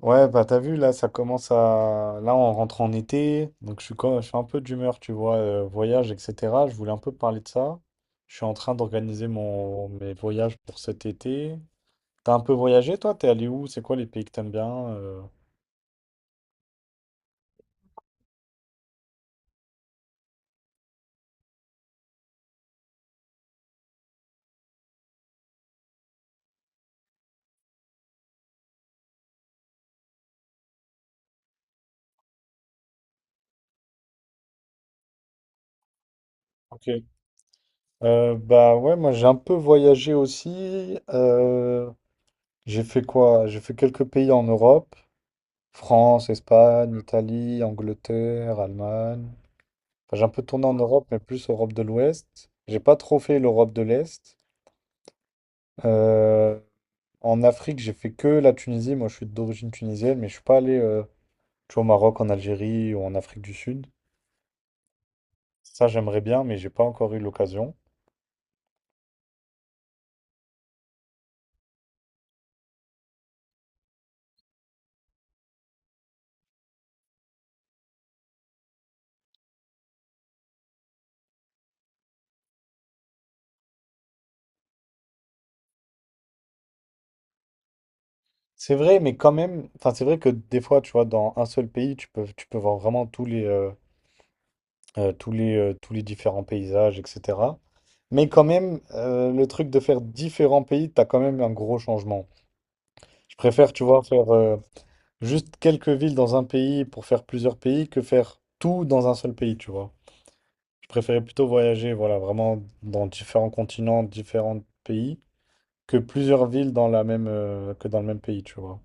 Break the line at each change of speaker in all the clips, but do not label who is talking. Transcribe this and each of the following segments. Ouais, bah t'as vu, là, ça commence à... Là, on rentre en été, donc je suis, je suis un peu d'humeur, tu vois, voyage, etc. Je voulais un peu parler de ça. Je suis en train d'organiser mon... mes voyages pour cet été. T'as un peu voyagé, toi? T'es allé où? C'est quoi les pays que t'aimes bien? Ok. Bah ouais, moi j'ai un peu voyagé aussi. J'ai fait quoi? J'ai fait quelques pays en Europe. France, Espagne, Italie, Angleterre, Allemagne. Enfin, j'ai un peu tourné en Europe, mais plus Europe de l'Ouest. J'ai pas trop fait l'Europe de l'Est. Euh, En Afrique, j'ai fait que la Tunisie. Moi, je suis d'origine tunisienne, mais je suis pas allé, tu vois, au Maroc, en Algérie ou en Afrique du Sud. Ça, j'aimerais bien, mais j'ai pas encore eu l'occasion. C'est vrai, mais quand même, enfin, c'est vrai que des fois, tu vois, dans un seul pays, tu peux voir vraiment tous les, tous les, tous les différents paysages, etc. Mais quand même, le truc de faire différents pays, t'as quand même un gros changement. Je préfère, tu vois, faire juste quelques villes dans un pays pour faire plusieurs pays que faire tout dans un seul pays, tu vois. Je préférais plutôt voyager, voilà, vraiment dans différents continents, différents pays, que plusieurs villes dans la même, que dans le même pays, tu vois.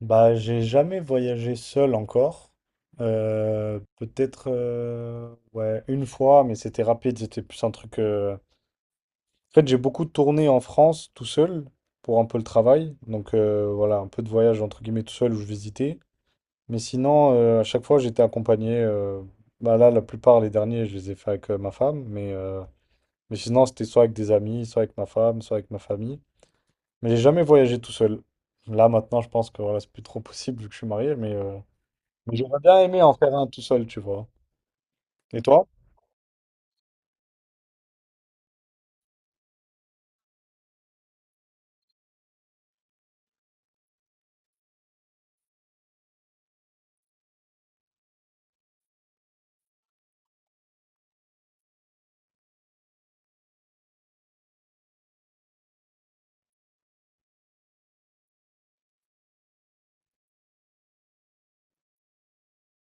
Bah, j'ai jamais voyagé seul encore. Peut-être ouais, une fois, mais c'était rapide, c'était plus un truc. En fait, j'ai beaucoup tourné en France tout seul pour un peu le travail. Donc voilà, un peu de voyage entre guillemets tout seul où je visitais. Mais sinon, à chaque fois, j'étais accompagné. Bah là, la plupart, les derniers, je les ai fait avec ma femme. Mais sinon, c'était soit avec des amis, soit avec ma femme, soit avec ma famille. Mais j'ai jamais voyagé tout seul. Là, maintenant, je pense que voilà, c'est plus trop possible vu que je suis marié, mais j'aurais bien aimé en faire un tout seul, tu vois. Et toi?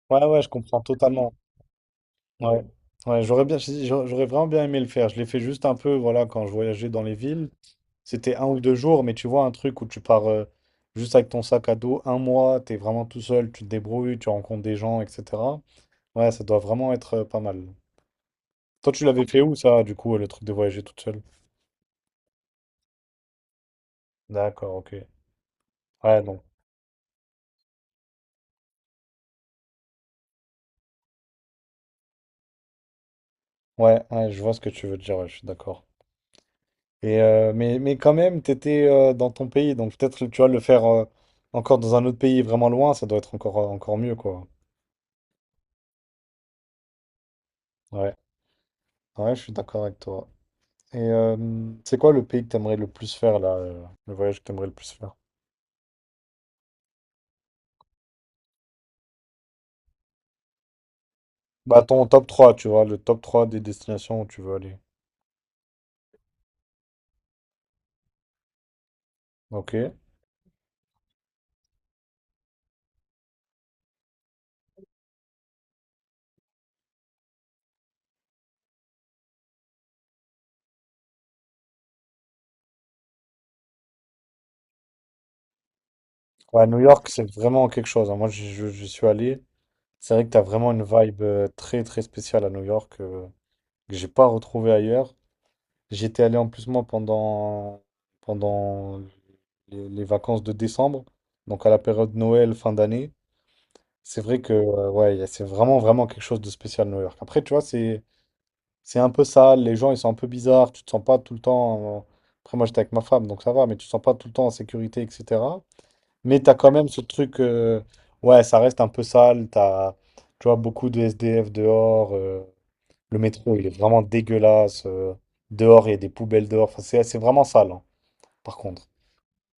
Ouais, ouais, je comprends totalement. Ouais, ouais, j'aurais bien, si, si, j'aurais vraiment bien aimé le faire. Je l'ai fait juste un peu, voilà, quand je voyageais dans les villes. C'était un ou deux jours, mais tu vois, un truc où tu pars juste avec ton sac à dos un mois, t'es vraiment tout seul, tu te débrouilles, tu rencontres des gens, etc. Ouais, ça doit vraiment être pas mal. Toi, tu l'avais fait où, ça, du coup, le truc de voyager toute seule? D'accord, ok. Ouais, donc, ouais, ouais, je vois ce que tu veux dire, ouais, je suis d'accord. Et mais quand même, tu étais dans ton pays, donc peut-être tu vas le faire encore dans un autre pays vraiment loin, ça doit être encore, encore mieux, quoi. Ouais, ouais, je suis d'accord avec toi. Et c'est quoi le pays que t'aimerais le plus faire, là, le voyage que t'aimerais le plus faire? Bah, ton top 3 tu vois, le top 3 des destinations où tu veux aller. Ok. Ouais, New York, c'est vraiment quelque chose, hein. Moi, je suis allé. C'est vrai que t'as vraiment une vibe très, très spéciale à New York que j'ai pas retrouvée ailleurs. J'étais allé en plus moi pendant, pendant les vacances de décembre, donc à la période Noël, fin d'année. C'est vrai que ouais, c'est vraiment vraiment quelque chose de spécial New York. Après, tu vois, c'est un peu sale, les gens ils sont un peu bizarres, tu te sens pas tout le temps. Après, moi j'étais avec ma femme, donc ça va, mais tu te sens pas tout le temps en sécurité, etc. Mais t'as quand même ce truc, ouais, ça reste un peu sale, t'as, tu vois, beaucoup de SDF dehors. Le métro, il est vraiment dégueulasse. Dehors, il y a des poubelles dehors. Enfin, c'est vraiment sale, hein, par contre.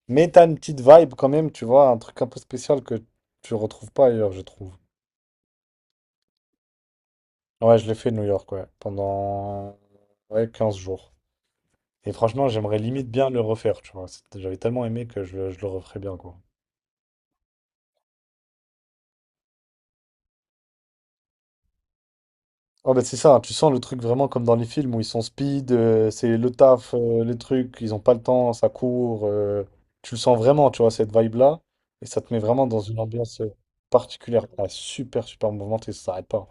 Mais t'as une petite vibe quand même, tu vois, un truc un peu spécial que tu retrouves pas ailleurs, je trouve. Ouais, je l'ai fait New York, ouais, pendant ouais, 15 jours. Et franchement, j'aimerais limite bien le refaire, tu vois. J'avais tellement aimé que je le referais bien, quoi. Oh ben c'est ça, hein. Tu sens le truc vraiment comme dans les films où ils sont speed, c'est le taf, les trucs, ils ont pas le temps, ça court. Tu le sens vraiment, tu vois, cette vibe-là. Et ça te met vraiment dans une ambiance particulière. Ah, super, super mouvementée, ça s'arrête pas.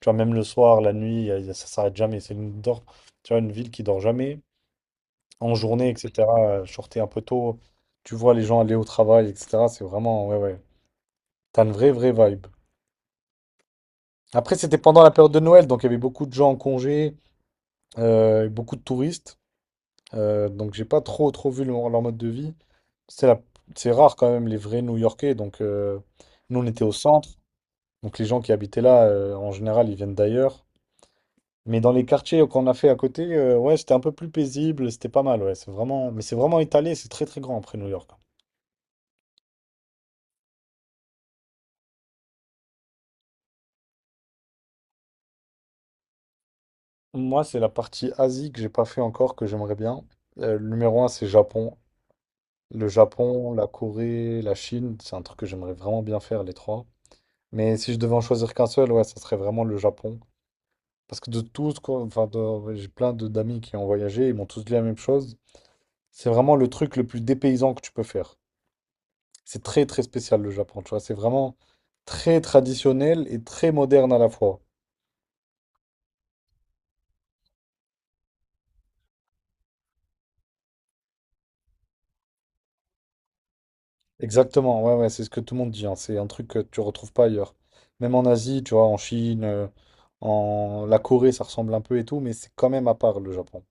Tu vois, même le soir, la nuit, ça s'arrête jamais. C'est tu vois, une ville qui dort jamais. En journée, etc. Je sortais un peu tôt, tu vois les gens aller au travail, etc. C'est vraiment, ouais, ouais. T'as une vraie, vraie vibe. Après, c'était pendant la période de Noël, donc il y avait beaucoup de gens en congé. Beaucoup de touristes, donc j'ai pas trop trop vu leur mode de vie. C'est la- c'est rare quand même les vrais New-Yorkais. Donc nous on était au centre, donc les gens qui habitaient là en général ils viennent d'ailleurs. Mais dans les quartiers qu'on a fait à côté, ouais c'était un peu plus paisible, c'était pas mal. Ouais, c'est vraiment, mais c'est vraiment étalé, c'est très très grand après New York. Moi c'est la partie Asie que j'ai pas fait encore que j'aimerais bien. Le numéro un c'est Japon. Le Japon, la Corée, la Chine, c'est un truc que j'aimerais vraiment bien faire les trois. Mais si je devais en choisir qu'un seul, ouais, ça serait vraiment le Japon. Parce que de tous, ce enfin, ouais, j'ai plein d'amis qui ont voyagé, ils m'ont tous dit la même chose. C'est vraiment le truc le plus dépaysant que tu peux faire. C'est très, très spécial, le Japon, tu vois. C'est vraiment très traditionnel et très moderne à la fois. Exactement, ouais, ouais, c'est ce que tout le monde dit, hein. C'est un truc que tu retrouves pas ailleurs. Même en Asie, tu vois, en Chine, en la Corée, ça ressemble un peu et tout, mais c'est quand même à part, le Japon.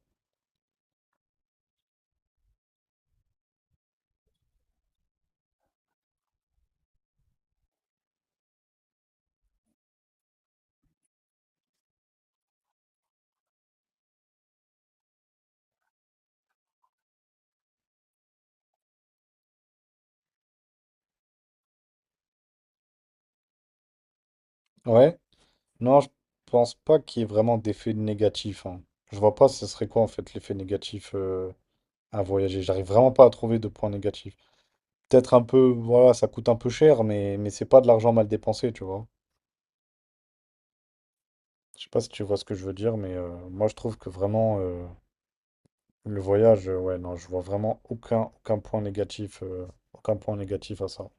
Ouais. Non, je pense pas qu'il y ait vraiment d'effet négatif, hein. Je vois pas ce serait quoi en fait l'effet négatif à voyager. J'arrive vraiment pas à trouver de point négatif. Peut-être un peu, voilà, ça coûte un peu cher, mais c'est pas de l'argent mal dépensé, tu vois. Je sais pas si tu vois ce que je veux dire, mais moi je trouve que vraiment le voyage, ouais, non, je vois vraiment aucun point négatif, aucun point négatif à ça.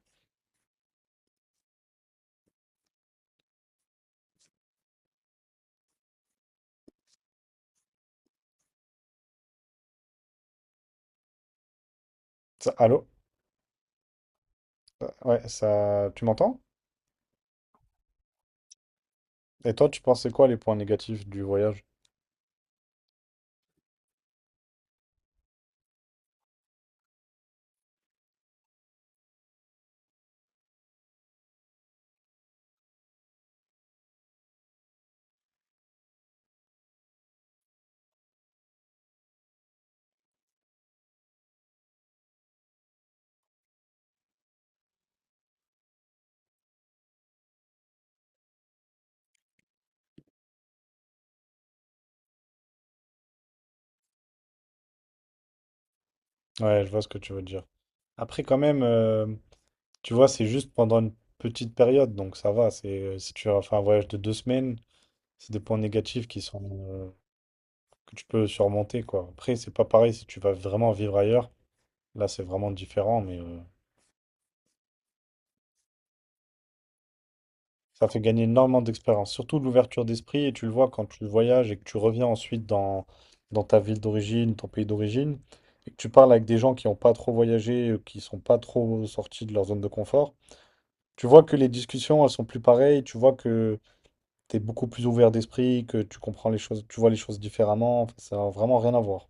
Allô? Ouais, ça, tu m'entends? Et toi, tu pensais quoi les points négatifs du voyage? Ouais, je vois ce que tu veux dire. Après, quand même. Tu vois, c'est juste pendant une petite période, donc ça va. Si tu as fait un voyage de 2 semaines, c'est des points négatifs qui sont, euh, que tu peux surmonter, quoi. Après, c'est pas pareil si tu vas vraiment vivre ailleurs. Là, c'est vraiment différent, mais ça fait gagner énormément d'expérience. Surtout de l'ouverture d'esprit, et tu le vois quand tu voyages et que tu reviens ensuite dans ta ville d'origine, ton pays d'origine, et que tu parles avec des gens qui n'ont pas trop voyagé, qui sont pas trop sortis de leur zone de confort. Tu vois que les discussions, elles sont plus pareilles, tu vois que t'es beaucoup plus ouvert d'esprit, que tu comprends les choses, tu vois les choses différemment. Enfin, ça n'a vraiment rien à voir.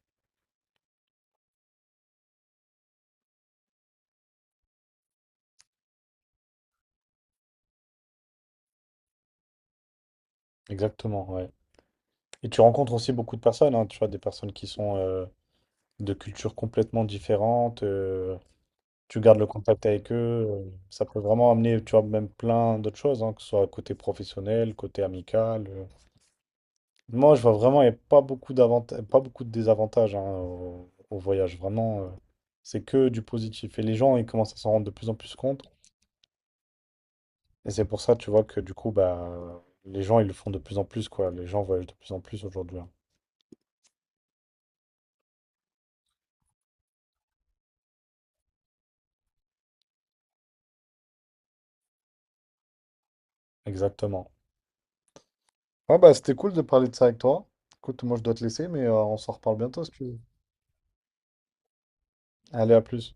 Exactement, ouais. Et tu rencontres aussi beaucoup de personnes, hein, tu vois, des personnes qui sont de cultures complètement différentes. Tu gardes le contact avec eux. Ça peut vraiment amener, tu vois, même plein d'autres choses, hein, que ce soit côté professionnel, côté amical. Moi, je vois vraiment, il n'y a pas beaucoup d'avantages, pas beaucoup de désavantages hein, au voyage. Vraiment, c'est que du positif. Et les gens, ils commencent à s'en rendre de plus en plus compte. Et c'est pour ça, tu vois, que du coup, bah, les gens, ils le font de plus en plus, quoi. Les gens voyagent de plus en plus aujourd'hui, hein. Exactement. Ouais, bah, c'était cool de parler de ça avec toi. Écoute, moi, je dois te laisser, mais on s'en reparle bientôt si tu veux. Allez, à plus.